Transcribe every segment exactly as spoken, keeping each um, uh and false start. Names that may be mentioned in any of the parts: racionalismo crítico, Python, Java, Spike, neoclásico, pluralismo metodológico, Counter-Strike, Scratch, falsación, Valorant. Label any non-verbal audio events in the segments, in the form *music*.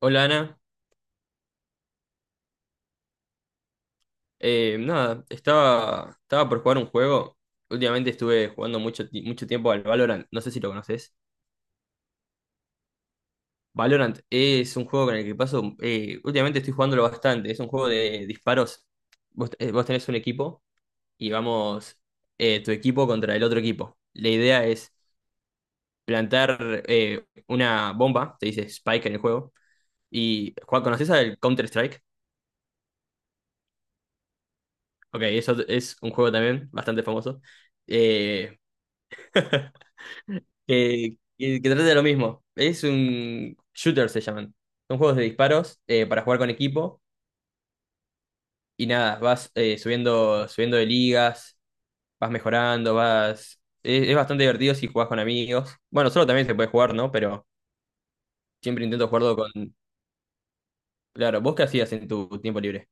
Hola Ana. Eh, nada, estaba, estaba por jugar un juego. Últimamente estuve jugando mucho, ti- mucho tiempo al Valorant, no sé si lo conoces. Valorant es un juego con el que paso, eh, últimamente estoy jugándolo bastante, es un juego de disparos. Vos, eh, vos tenés un equipo y vamos eh, tu equipo contra el otro equipo. La idea es plantar eh, una bomba, te dice Spike en el juego. Y Juan, ¿conocés al Counter-Strike? Ok, eso es otro- es un juego también bastante famoso. Eh, *laughs* que, que, que trate de lo mismo. Es un shooter, se llaman. Son juegos de disparos eh, para jugar con equipo y nada, vas eh, subiendo, subiendo de ligas, vas mejorando, vas... Es, es bastante divertido si jugás con amigos. Bueno, solo también se puede jugar, ¿no? Pero siempre intento jugarlo con... Claro, ¿vos qué hacías en tu tiempo libre?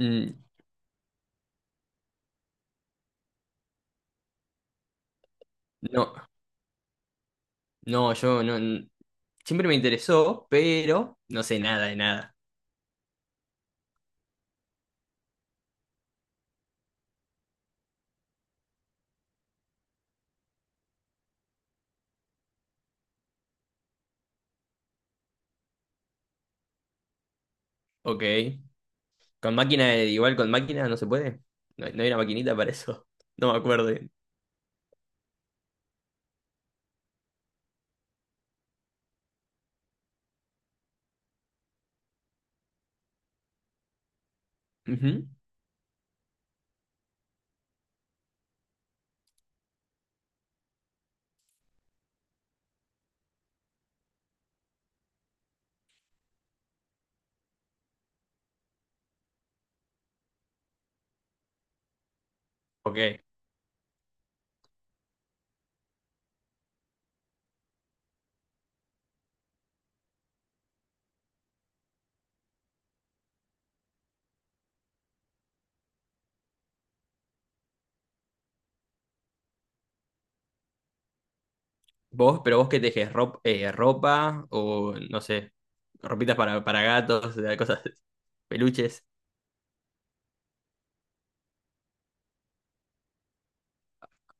Mm, no, no, yo no... n- Siempre me interesó, pero no sé nada de nada. Ok. Con máquina, eh, igual con máquina no se puede. No, no hay una maquinita para eso. *laughs* No me acuerdo. Ujú. Ok. Vos, pero vos qué tejes, rop eh ropa o no sé, ropitas para, para gatos, eh, cosas, *laughs* peluches.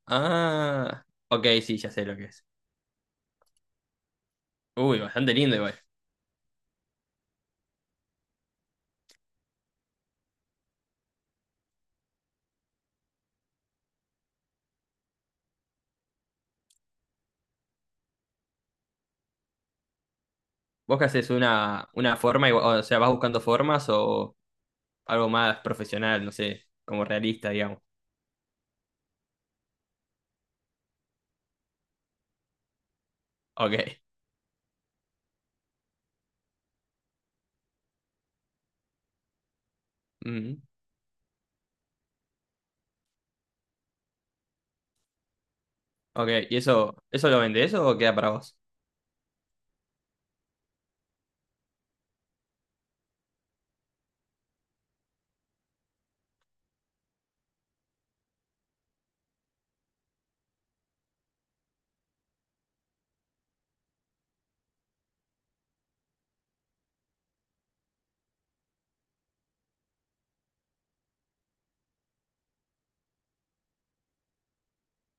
Ah, ok, sí, ya sé lo que es. Uy, bastante lindo igual. ¿Vos qué haces una, una forma, igual- o sea, vas buscando formas o algo más profesional, no sé, como realista, digamos? Ok. Mm, ok, ¿y eso, eso lo vendés o queda para vos?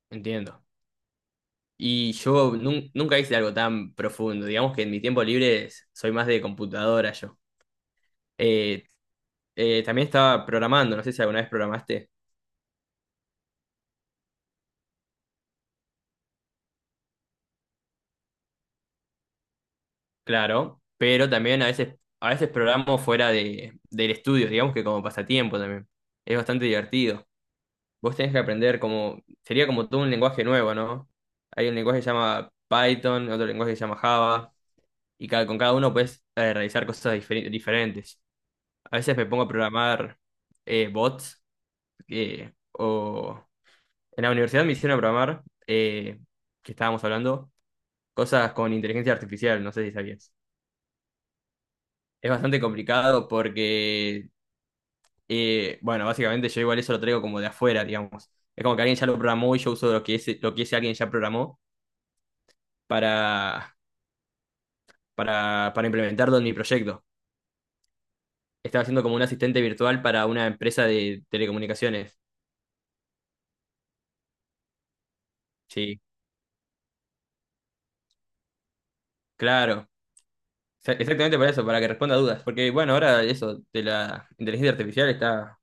Entiendo. Y yo nun- nunca hice algo tan profundo, digamos que en mi tiempo libre soy más de computadora yo. Eh, eh, también estaba programando, no sé si alguna vez programaste, claro, pero también a veces, a veces programo fuera de, del estudio, digamos que como pasatiempo también. Es bastante divertido. Vos tenés que aprender como, sería como todo un lenguaje nuevo, ¿no? Hay un lenguaje que se llama Python, otro lenguaje que se llama Java, y cada, con cada uno puedes eh, realizar cosas diferi- diferentes. A veces me pongo a programar eh, bots, eh, o en la universidad me hicieron programar, eh, que estábamos hablando cosas con inteligencia artificial, no sé si sabías. Es bastante complicado porque, eh, bueno, básicamente yo igual eso lo traigo como de afuera, digamos. Es como que alguien ya lo programó y yo uso lo que ese, lo que ese alguien ya programó para, para, para implementarlo en mi proyecto. Estaba haciendo como un asistente virtual para una empresa de telecomunicaciones. Sí, claro. Exa- Exactamente para eso, para que responda a dudas. Porque, bueno, ahora eso de la inteligencia artificial está.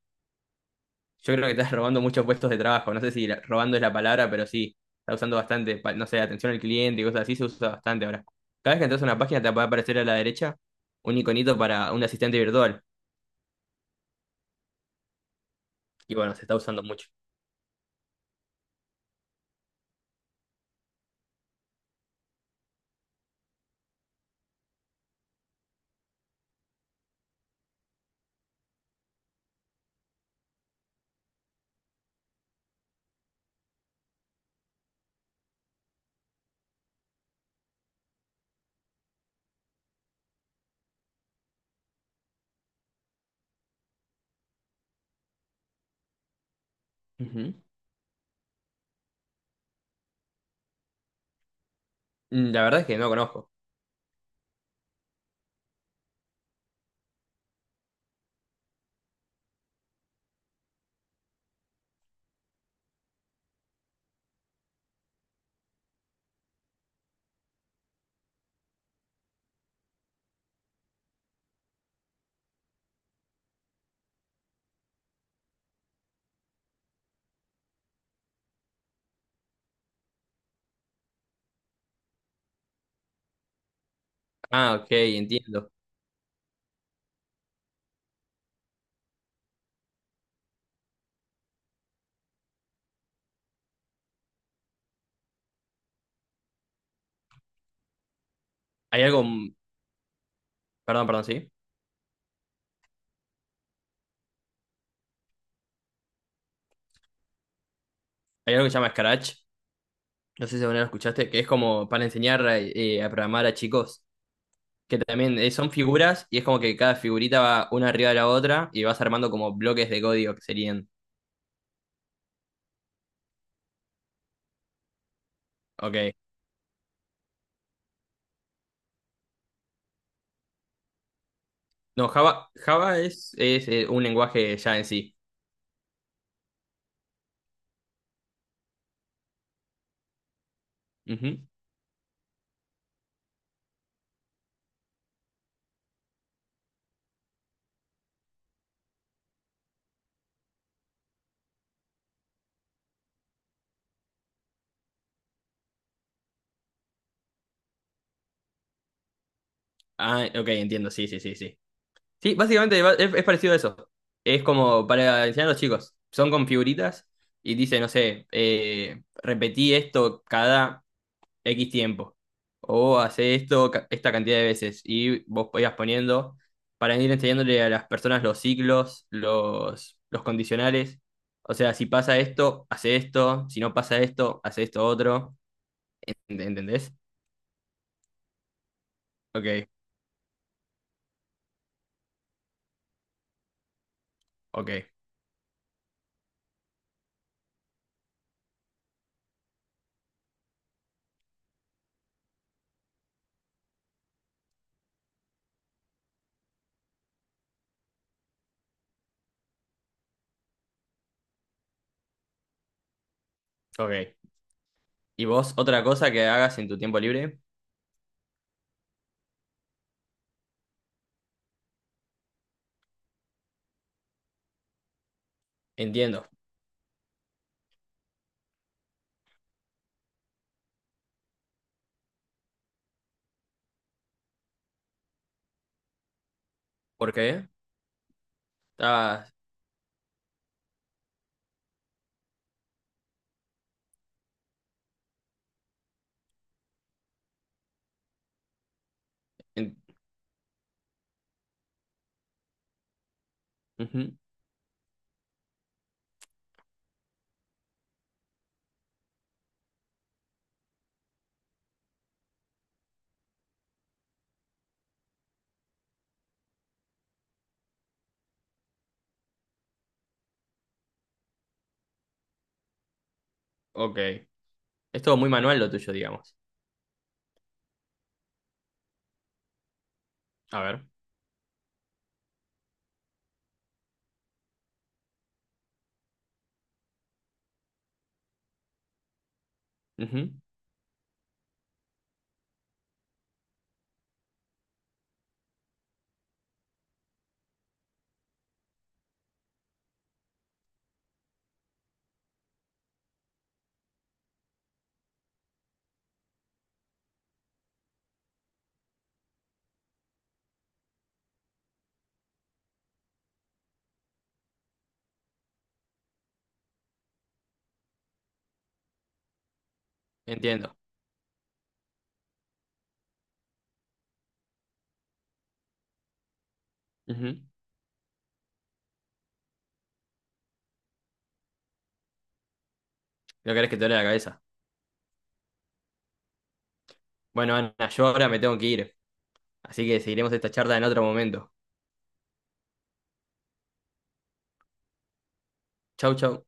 Yo creo que estás *laughs* robando muchos puestos de trabajo. No sé si la- robando es la palabra, pero sí, está usando bastante, pa- no sé, atención al cliente y cosas así, se usa bastante ahora. Cada vez que entras a una página te va a aparecer a la derecha un iconito para un asistente virtual. Y bueno, se está usando mucho. Ujú. Mm, la verdad es que no conozco. Ah, ok, entiendo. Hay algo, mm, perdón, perdón, sí. Hay algo que se llama Scratch. No sé si alguna vez lo escuchaste, que es como para enseñar eh, a programar a chicos. Que también eh, son figuras y es como que cada figurita va una arriba de la otra y vas armando como bloques de código que serían. Ok. No, Java, Java es, es, eh, un lenguaje ya en sí. Ujú. Ah, ok, entiendo, sí, sí, sí, sí. Sí, básicamente va- es, es parecido a eso. Es como para enseñar a los chicos. Son con figuritas y dice, no sé, eh, repetí esto cada X tiempo. O hace esto ca- esta cantidad de veces. Y vos podías poniendo para ir enseñándole a las personas los ciclos, los, los condicionales. O sea, si pasa esto, hace esto. Si no pasa esto, hace esto otro. ¿Ent- ¿Entendés? Ok, ok, ok. ¿Y vos otra cosa que hagas en tu tiempo libre? Entiendo. ¿Por qué? Estás... en- Ujú. Ok. Es todo muy manual lo tuyo, digamos. A ver. Ujú. Entiendo. Ujú. No querés que te duele la cabeza. Bueno, Ana, yo ahora me tengo que ir. Así que seguiremos esta charla en otro momento. Chau, chau.